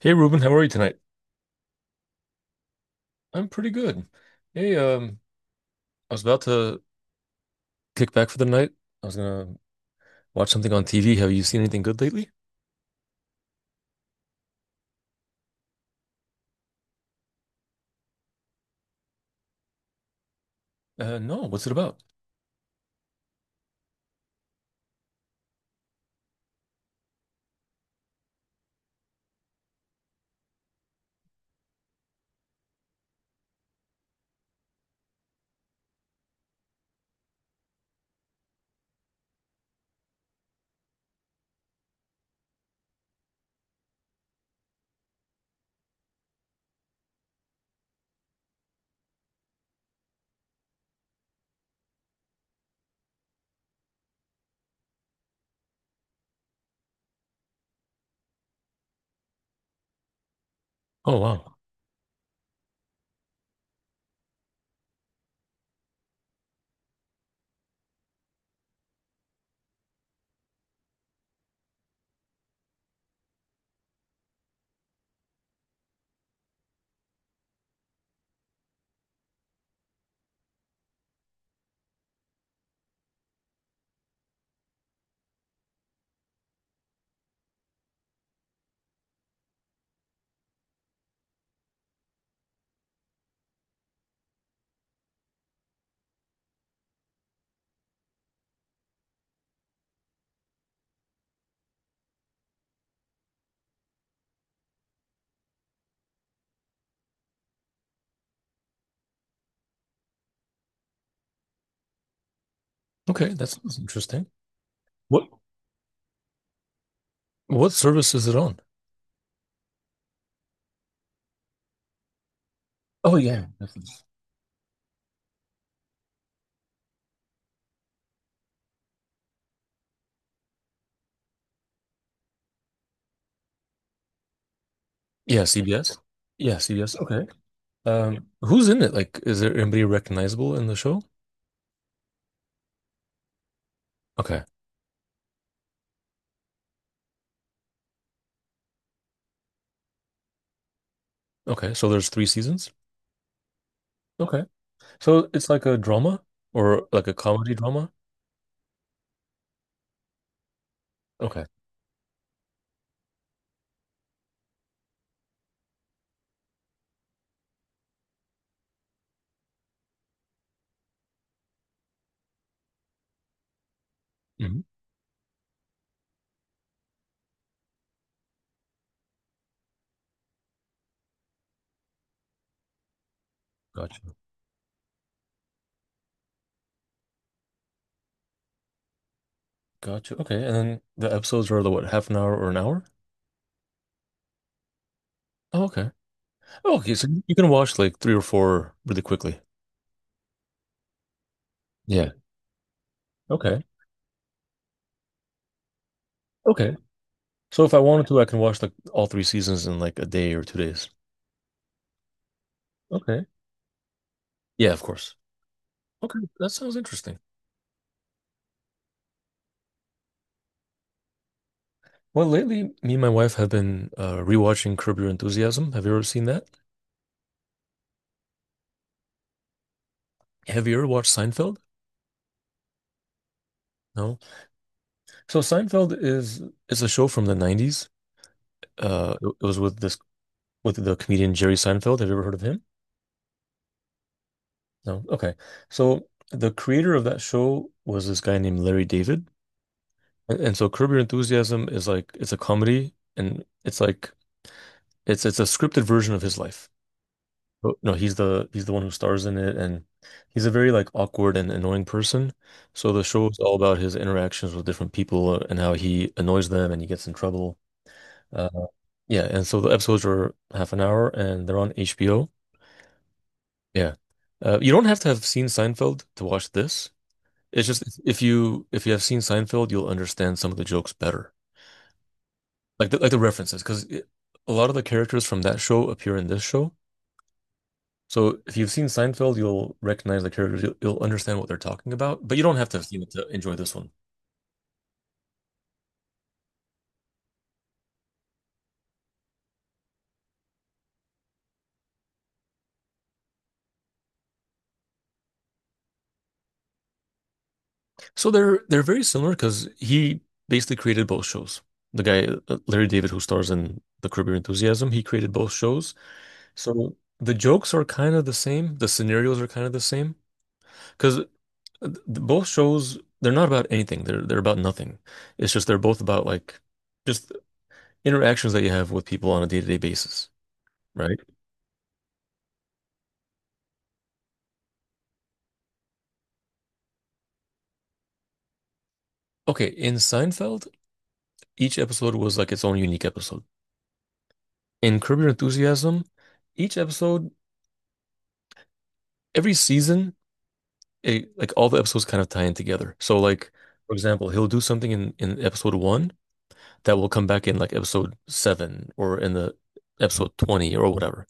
Hey Ruben, how are you tonight? I'm pretty good. Hey, I was about to kick back for the night. I was gonna watch something on TV. Have you seen anything good lately? No. What's it about? Oh wow. Okay, that sounds interesting. What what service is it on? Oh yeah, Netflix. Yeah, CBS. Yeah, CBS. Okay. Who's in it? Like, is there anybody recognizable in the show? Okay. Okay. So there's three seasons. Okay. So it's like a drama or like a comedy drama. Okay. Hmm. Gotcha. Okay. And then the episodes are the what, half an hour or an hour? Oh, okay. Oh, okay. So you can watch like three or four really quickly. Yeah. Okay. Okay. So if I wanted to, I can watch like all three seasons in like a day or 2 days. Okay. Yeah, of course. Okay. That sounds interesting. Well, lately, me and my wife have been rewatching Curb Your Enthusiasm. Have you ever seen that? Have you ever watched Seinfeld? No. So Seinfeld is a show from the 90s. It was with the comedian Jerry Seinfeld. Have you ever heard of him? No. Okay. So the creator of that show was this guy named Larry David. And so Curb Your Enthusiasm is like it's a comedy and it's like it's a scripted version of his life. But no, he's the one who stars in it and he's a very like awkward and annoying person. So the show is all about his interactions with different people and how he annoys them and he gets in trouble. Uh, yeah, and so the episodes are half an hour and they're on HBO. Yeah. You don't have to have seen Seinfeld to watch this. It's just if you have seen Seinfeld, you'll understand some of the jokes better, like the references, because a lot of the characters from that show appear in this show. So if you've seen Seinfeld, you'll recognize the characters, you'll understand what they're talking about, but you don't have to have seen it to enjoy this one. So they're very similar because he basically created both shows. The guy Larry David, who stars in The Curb Your Enthusiasm, he created both shows. So the jokes are kind of the same, the scenarios are kind of the same, because both shows they're not about anything. They're about nothing. It's just they're both about like just interactions that you have with people on a day-to-day basis, right? Okay, in Seinfeld, each episode was like its own unique episode. In Curb Your Enthusiasm, each episode, every season, it, like all the episodes kind of tie in together. So like for example, he'll do something in episode one that will come back in like episode seven or in the episode 20 or whatever.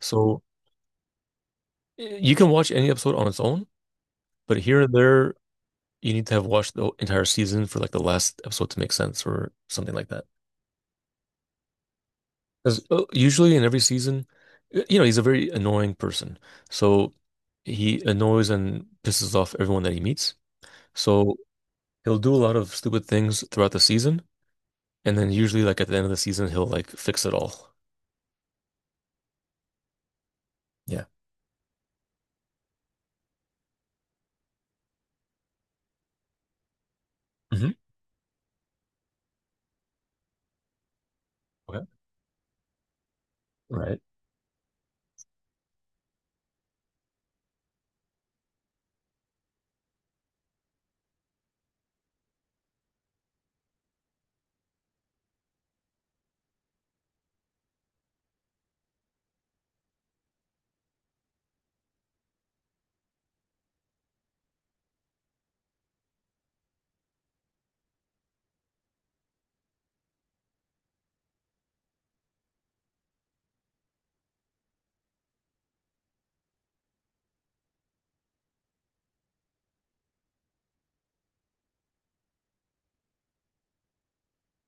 So you can watch any episode on its own. But here and there, you need to have watched the entire season for like the last episode to make sense or something like that. Because usually in every season, he's a very annoying person. So he annoys and pisses off everyone that he meets. So he'll do a lot of stupid things throughout the season. And then usually like at the end of the season, he'll like fix it all. Yeah. Hmm. Okay. Right.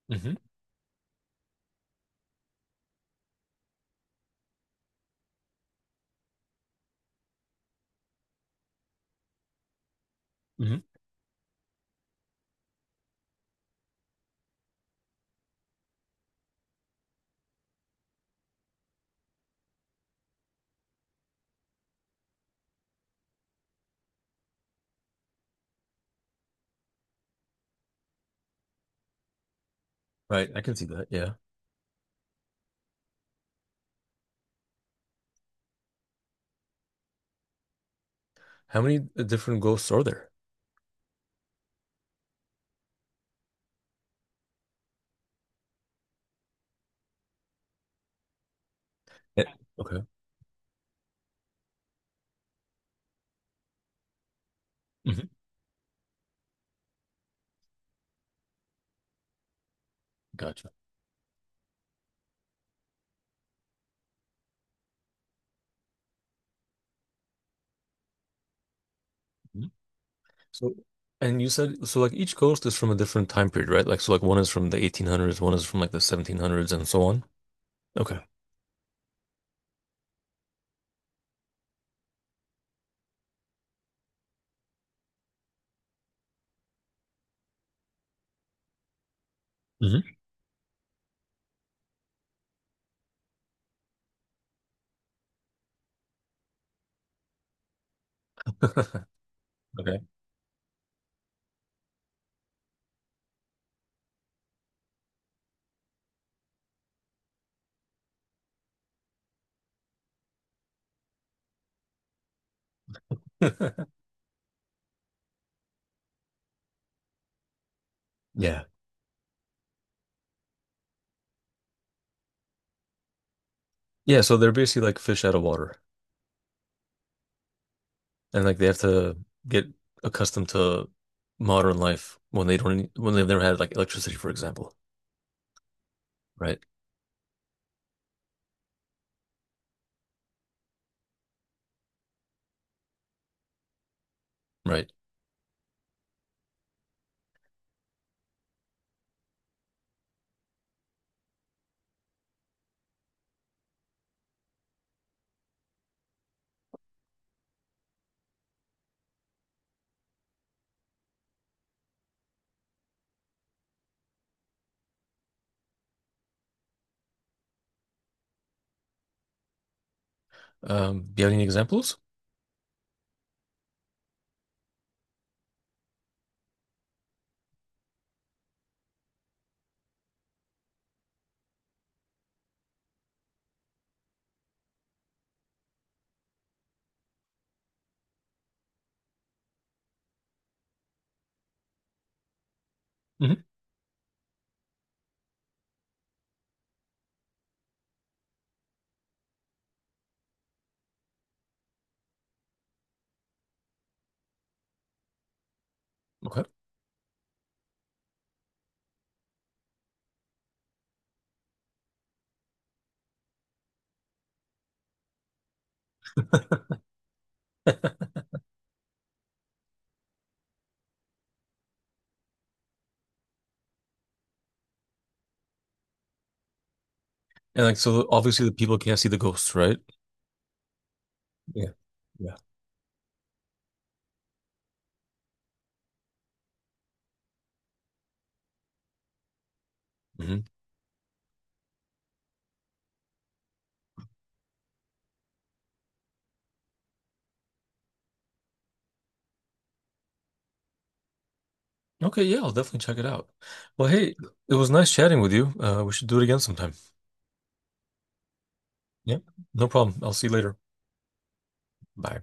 Hmm. Hmm. Right. I can see that. Yeah. How many different ghosts are there? Yeah. Okay. Hmm. Gotcha. So, and you said, so like each ghost is from a different time period, right? Like, so like one is from the 1800s, one is from like the 1700s, and so on. Okay. Hmm. Okay. Yeah. Yeah, so they're basically like fish out of water, and like they have to get accustomed to modern life when they don't when they've never had like electricity, for example. Right, right. Do you have any examples? Hmm. Okay. And like so, obviously the people can't see the ghosts, right? Yeah. Yeah. Mhm. Okay, yeah, I'll definitely check it out. Well, hey, it was nice chatting with you. We should do it again sometime. Yeah, no problem. I'll see you later. Bye.